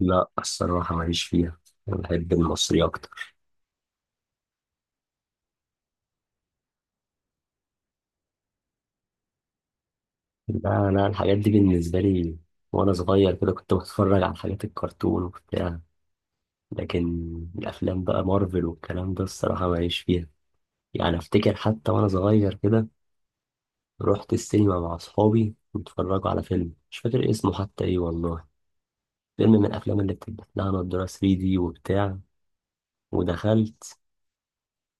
لا، الصراحة ماليش فيها. أنا بحب المصري أكتر. لا، أنا الحاجات دي بالنسبة لي وأنا صغير كده كنت بتفرج على حاجات الكرتون وبتاع، لكن الأفلام بقى مارفل والكلام ده الصراحة ماليش فيها. يعني أفتكر حتى وأنا صغير كده رحت السينما مع أصحابي واتفرجوا على فيلم مش فاكر اسمه حتى إيه والله، فيلم من الأفلام اللي بتلبس لها نضارة 3D وبتاع، ودخلت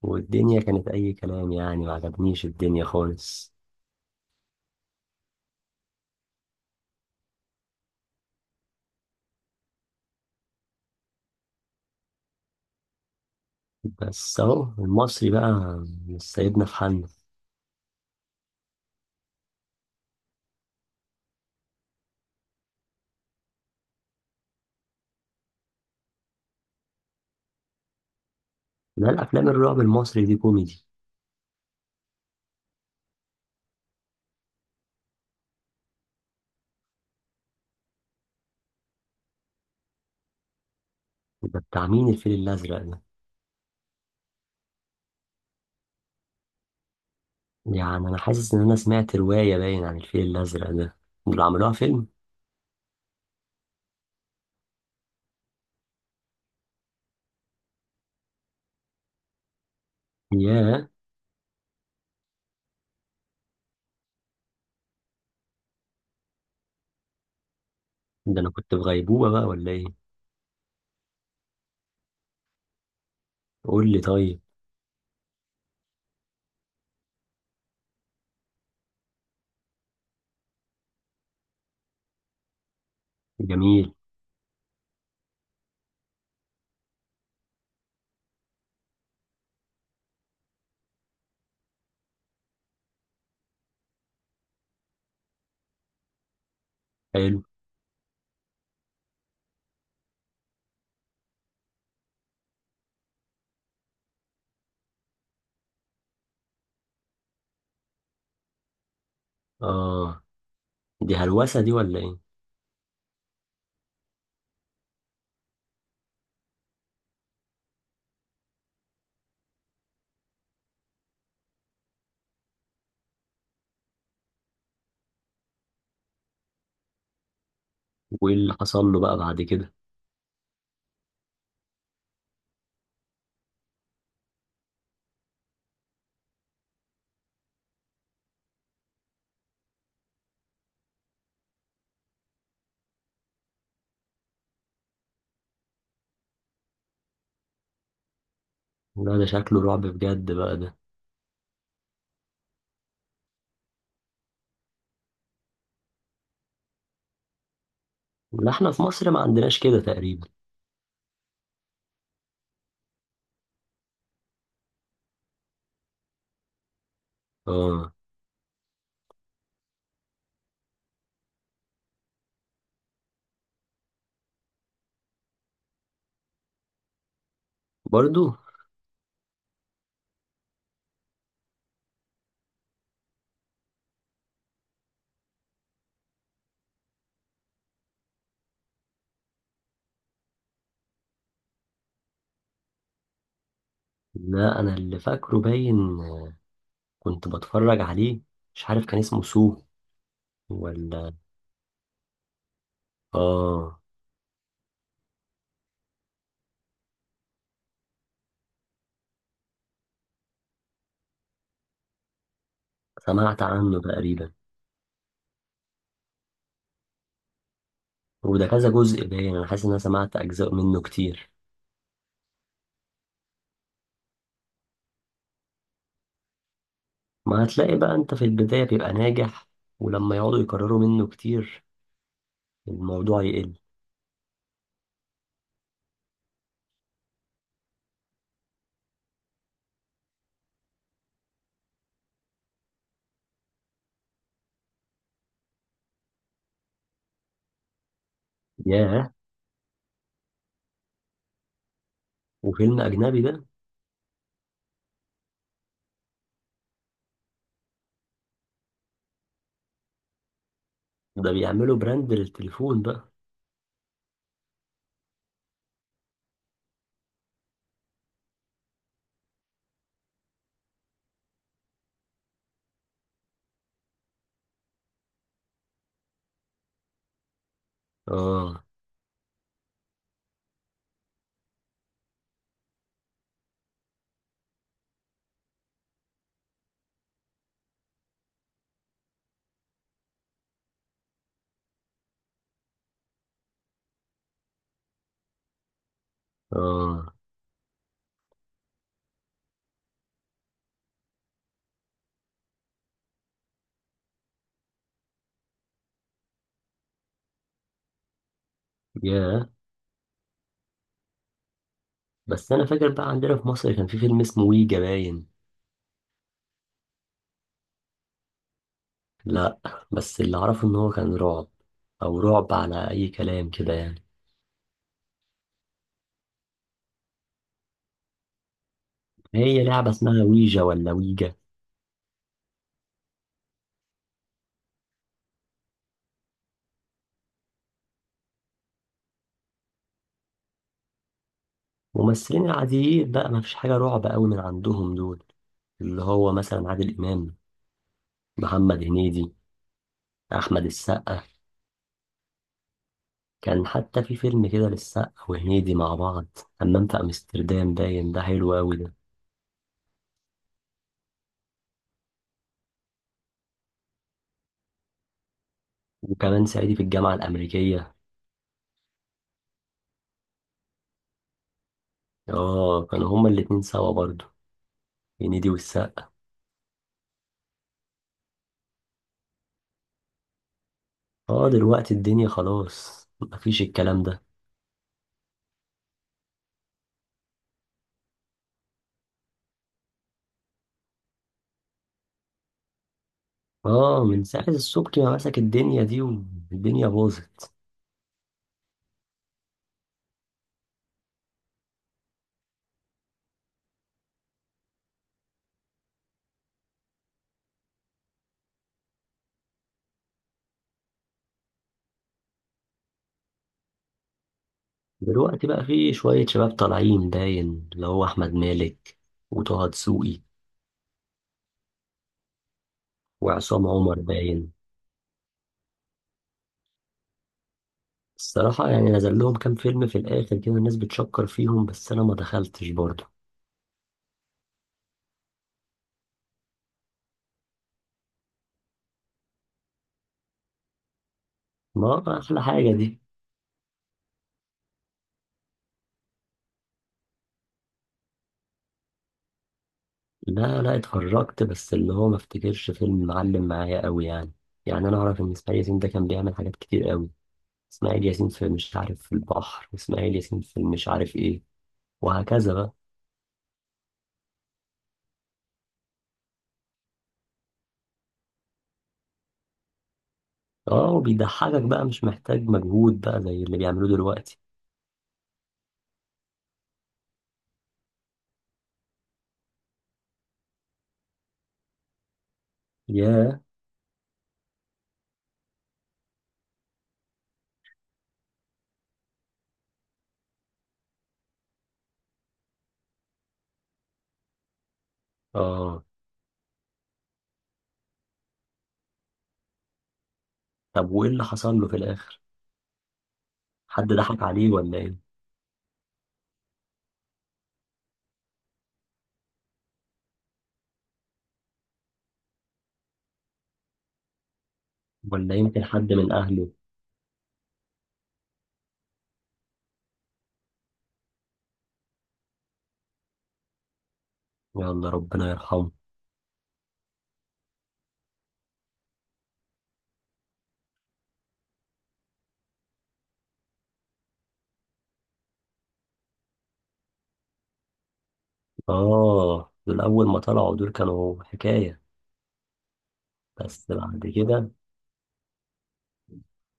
والدنيا كانت أي كلام، يعني ما عجبنيش الدنيا خالص. بس اهو المصري بقى مش سايبنا في حالنا. لا، الافلام الرعب المصري دي كوميدي. ده بتاع مين الفيل الازرق ده؟ يعني انا حاسس ان انا سمعت روايه باين عن الفيل الازرق ده، اللي عملوها فيلم. ياه. ده انا كنت في غيبوبه بقى ولا ايه؟ قول لي طيب. جميل. حلو. اه. دي هلوسه دي ولا ايه؟ وايه اللي حصل له بقى بعد كده؟ لا، ده شكله رعب بجد بقى ده. لا، احنا في مصر ما عندناش كده تقريبا. اه. برضو. لا، انا اللي فاكره باين كنت بتفرج عليه، مش عارف كان اسمه سو ولا. اه. سمعت عنه تقريبا. وده كذا جزء باين، انا حاسس ان انا سمعت اجزاء منه كتير. ما هتلاقي بقى انت في البداية بيبقى ناجح، ولما يقعدوا يكرروا منه كتير الموضوع يقل. ياه. وفيلم اجنبي ده؟ ده بيعملوا براند للتليفون بقى. اه. اه. ياه. بس انا فاكر بقى عندنا في مصر كان في فيلم اسمه ويجا باين. لا، بس اللي اعرفه ان هو كان رعب، او رعب على اي كلام كده يعني. هي لعبة اسمها ويجا ولا ويجا؟ ممثلين العاديين بقى، ما فيش حاجة رعب قوي من عندهم دول، اللي هو مثلا عادل إمام، محمد هنيدي، أحمد السقا. كان حتى في فيلم كده للسقا وهنيدي مع بعض، حمام في أمستردام باين، ده حلو أوي ده. وكمان صعيدي في الجامعة الأمريكية. اه، كانوا هما الاتنين سوا برضه، هنيدي والسقا. اه، دلوقتي الدنيا خلاص مفيش الكلام ده. اه، من ساعة السبكي ما مسك الدنيا دي والدنيا باظت. دلوقتي بقى في شوية شباب طالعين باين، اللي هو أحمد مالك وطه دسوقي وعصام عمر باين. الصراحة يعني نزل لهم كام فيلم في الآخر كده الناس بتشكر فيهم، بس أنا ما دخلتش برضه. ما أحلى حاجة دي. لا، لا، اتفرجت بس اللي هو ما افتكرش فيلم معلم معايا قوي يعني. يعني أنا أعرف إن إسماعيل ياسين ده كان بيعمل حاجات كتير قوي. إسماعيل ياسين في مش عارف في البحر، إسماعيل ياسين في مش عارف إيه، وهكذا بقى. اه، وبيضحكك بقى مش محتاج مجهود بقى زي اللي بيعملوه دلوقتي. ياه. اه. طب وايه اللي حصل له في الاخر؟ حد ضحك عليه ولا ايه؟ ولا يمكن حد من اهله؟ يلا، ربنا يرحمه. اه، دول اول ما طلعوا دول كانوا حكاية، بس بعد كده.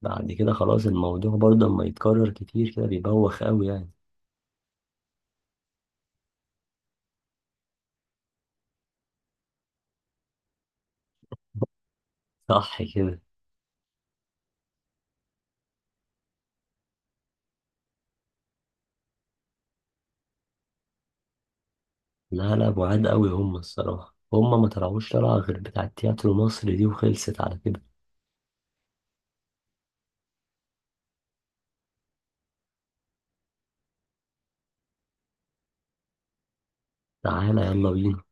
بعد كده خلاص، الموضوع برضه لما يتكرر كتير كده بيبوخ قوي يعني. صح كده. لا، لا، بعاد قوي، هم الصراحة هم ما طلعوش طلعة غير بتاع التياترو مصر دي وخلصت على كده. تعالى يلا بينا.